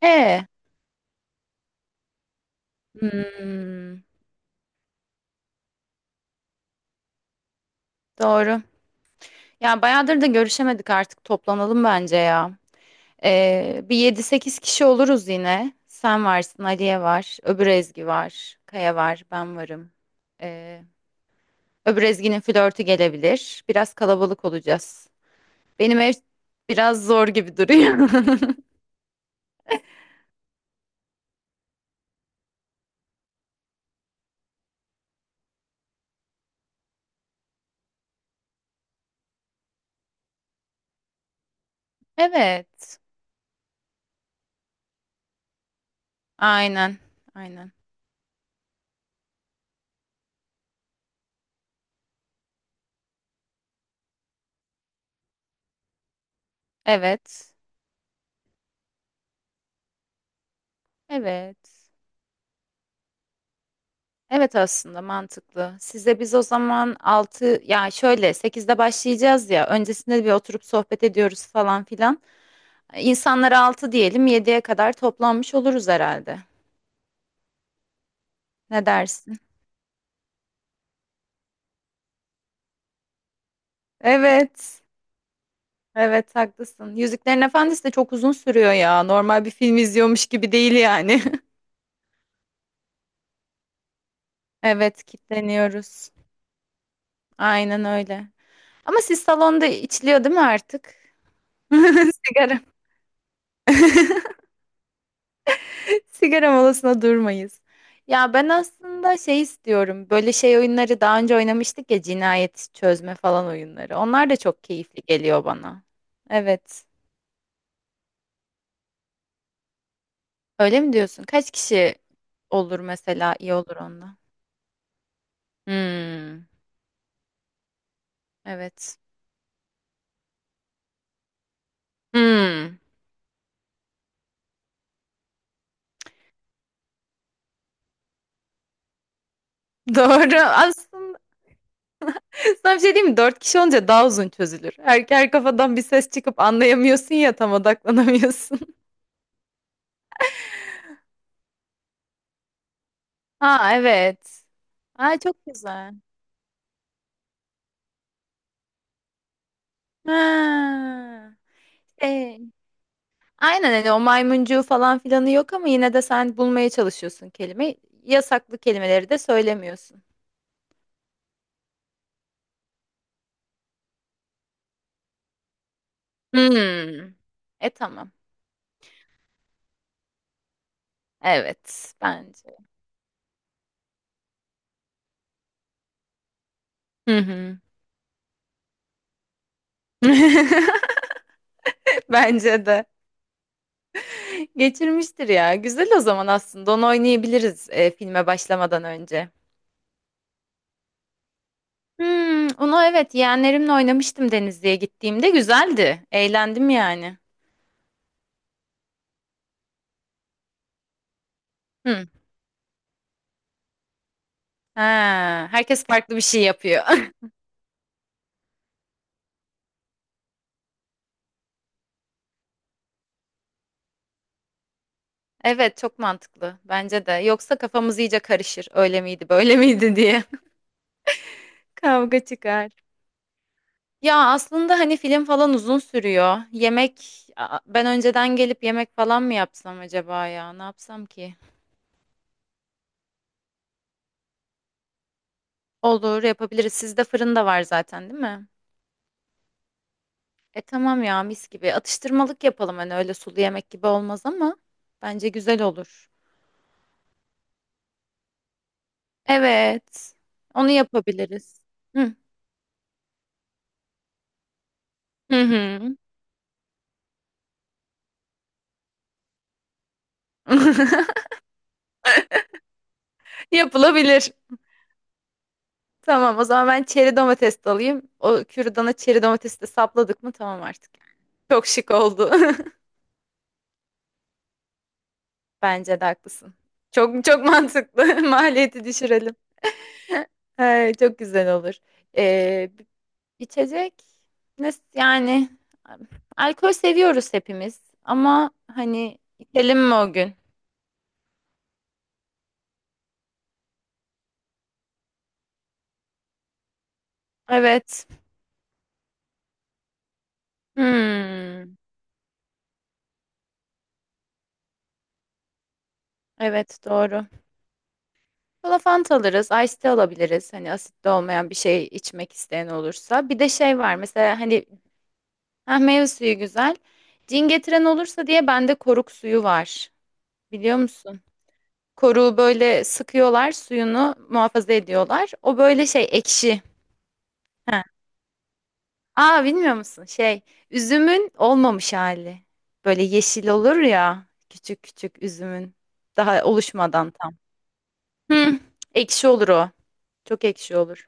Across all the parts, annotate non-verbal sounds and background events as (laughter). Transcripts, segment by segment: E, hmm, doğru. Ya bayağıdır da görüşemedik artık toplanalım bence ya. Bir yedi sekiz kişi oluruz yine. Sen varsın, Aliye var, öbür Ezgi var, Kaya var, ben varım. Ee, öbür Ezgi'nin flörtü gelebilir. Biraz kalabalık olacağız. Benim ev biraz zor gibi duruyor. (laughs) Evet, aynen, aynen. Evet, evet. Evet aslında mantıklı. Size biz o zaman 6 yani şöyle sekizde başlayacağız ya öncesinde bir oturup sohbet ediyoruz falan filan. İnsanlara 6 diyelim yediye kadar toplanmış oluruz herhalde. Ne dersin? Evet. Evet haklısın. Yüzüklerin Efendisi de çok uzun sürüyor ya. Normal bir film izliyormuş gibi değil yani. (laughs) Evet kitleniyoruz. Aynen öyle. Ama siz salonda içiliyor değil mi artık? (laughs) Sigara. (laughs) Sigara molasına durmayız. Ya ben aslında şey istiyorum. Böyle şey oyunları daha önce oynamıştık ya cinayet çözme falan oyunları. Onlar da çok keyifli geliyor bana. Evet. Öyle mi diyorsun? Kaç kişi olur mesela iyi olur onda? Hmm. Evet. Hmm. Doğru. (laughs) Aslında sana bir şey diyeyim mi? Dört kişi olunca daha uzun çözülür. Her kafadan bir ses çıkıp anlayamıyorsun ya tam odaklanamıyorsun. (laughs) Ha evet. Aa çok güzel. Ha. Ee, aynen hani o maymuncuğu falan filanı yok ama yine de sen bulmaya çalışıyorsun kelime. Yasaklı kelimeleri de söylemiyorsun. Hmm. E tamam. Evet bence. Hı hı. (laughs) Bence de. Geçirmiştir ya. Güzel o zaman aslında. Onu oynayabiliriz filme başlamadan önce. Hmm, onu evet yeğenlerimle oynamıştım Denizli'ye gittiğimde. Güzeldi. Eğlendim yani. Hı. Ha, herkes farklı bir şey yapıyor. Evet çok mantıklı bence de. Yoksa kafamız iyice karışır. Öyle miydi, böyle miydi diye. (laughs) Kavga çıkar. Ya aslında hani film falan uzun sürüyor. Yemek Aa, ben önceden gelip yemek falan mı yapsam acaba ya? Ne yapsam ki? Olur yapabiliriz. Sizde fırın da var zaten değil mi? E tamam ya mis gibi. Atıştırmalık yapalım hani öyle sulu yemek gibi olmaz ama bence güzel olur. Evet. Onu yapabiliriz. Hı hı. Hı. (laughs) Yapılabilir. Tamam o zaman ben çeri domates de alayım. O kürdana çeri domatesi de sapladık mı tamam artık. Çok şık oldu. (laughs) Bence de haklısın. Çok çok mantıklı. (laughs) Maliyeti düşürelim. (laughs) Ay, çok güzel olur. Ee, içecek nasıl yani alkol seviyoruz hepimiz ama hani içelim mi o gün? Evet. Hmm, evet doğru. Kola Fanta alırız, ice tea alabiliriz. Hani asitli olmayan bir şey içmek isteyen olursa. Bir de şey var mesela hani ha, meyve suyu güzel. Cin getiren olursa diye bende koruk suyu var. Biliyor musun? Koruğu böyle sıkıyorlar, suyunu muhafaza ediyorlar. O böyle şey ekşi. Ha. Aa bilmiyor musun? Şey üzümün olmamış hali. Böyle yeşil olur ya küçük küçük üzümün daha oluşmadan tam. Hı, ekşi olur o. Çok ekşi olur.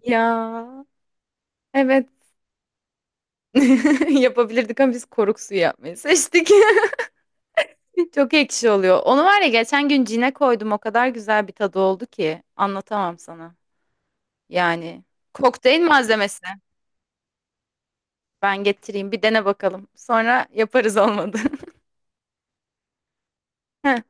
Ya evet (laughs) Yapabilirdik ama biz koruk suyu yapmayı seçtik. (laughs) Çok ekşi oluyor. Onu var ya geçen gün cine koydum. O kadar güzel bir tadı oldu ki anlatamam sana. Yani kokteyl malzemesi. Ben getireyim bir dene bakalım. Sonra yaparız olmadı. (laughs) Heh.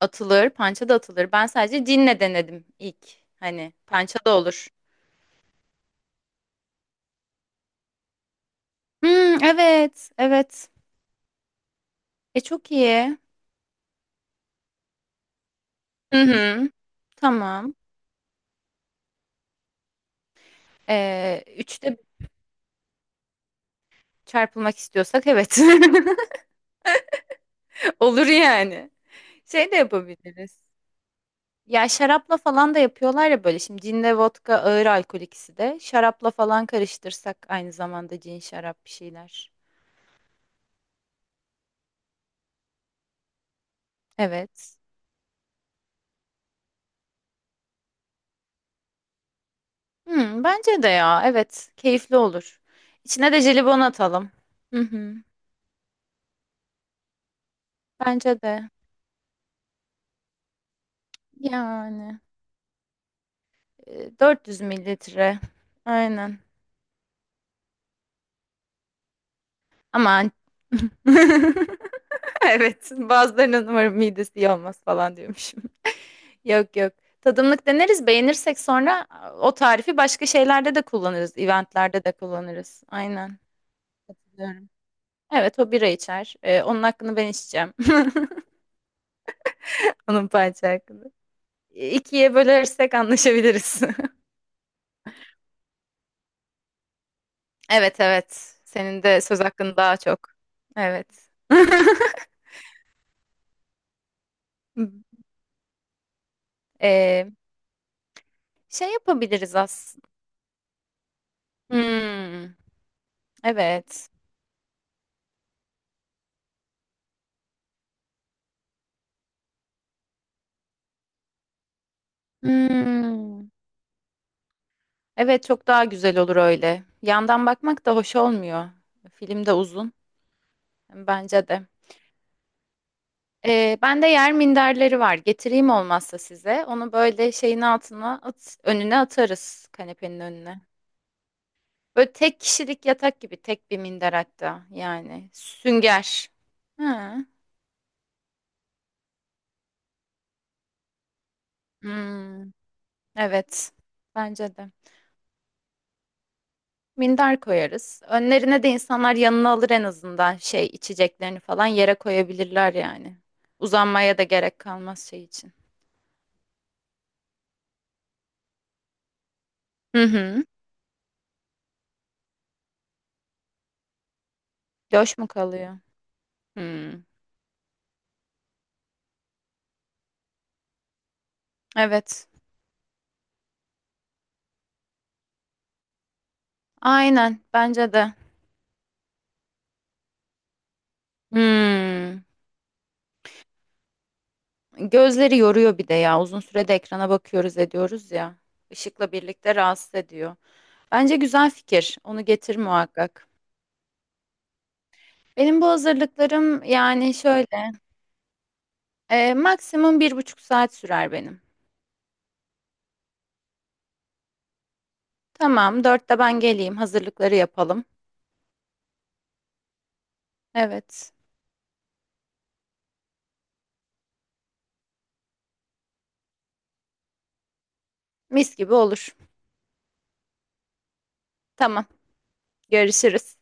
Atılır, pança da atılır. Ben sadece cinle denedim ilk. Hani pança da olur. Hmm, evet, evet. E çok iyi. Hı hı, tamam. Üçte çarpılmak istiyorsak evet. (laughs) Olur yani. Şey de yapabiliriz. Ya şarapla falan da yapıyorlar ya böyle. Şimdi cinle vodka ağır alkol ikisi de. Şarapla falan karıştırsak aynı zamanda cin şarap bir şeyler. Evet. Hmm, bence de ya. Evet. Keyifli olur. İçine de jelibon atalım. Hı hı. Bence de. Yani. 400 mililitre. Aynen. Aman. (laughs) Evet. Bazılarının umarım midesi iyi olmaz falan diyormuş. Yok yok. Tadımlık deneriz. Beğenirsek sonra o tarifi başka şeylerde de kullanırız. Eventlerde de kullanırız. Aynen. Katılıyorum. Evet o bira içer. Onun hakkını ben içeceğim. (laughs) Onun parça hakkını. İkiye bölersek anlaşabiliriz. (laughs) Evet evet. Senin de söz hakkın daha çok. Evet. (laughs) Ee, şey yapabiliriz aslında. Hmm, evet. Hmm. Evet çok daha güzel olur öyle. Yandan bakmak da hoş olmuyor. Film de uzun. Bence de. Ben de yer minderleri var. Getireyim olmazsa size. Onu böyle şeyin altına at, önüne atarız kanepenin önüne. Böyle tek kişilik yatak gibi tek bir minder hatta yani. Sünger. Hı. Hmm, evet. Bence de. Minder koyarız. Önlerine de insanlar yanına alır en azından şey içeceklerini falan yere koyabilirler yani. Uzanmaya da gerek kalmaz şey için. Hı hı. Döş mü kalıyor? Hmm. Evet. Aynen bence de. Hmm. Gözleri yoruyor bir de ya. Uzun sürede ekrana bakıyoruz ediyoruz ya. Işıkla birlikte rahatsız ediyor. Bence güzel fikir. Onu getir muhakkak. Benim bu hazırlıklarım yani şöyle. Maksimum bir buçuk saat sürer benim. Tamam, dörtte ben geleyim. Hazırlıkları yapalım. Evet. Mis gibi olur. Tamam. Görüşürüz.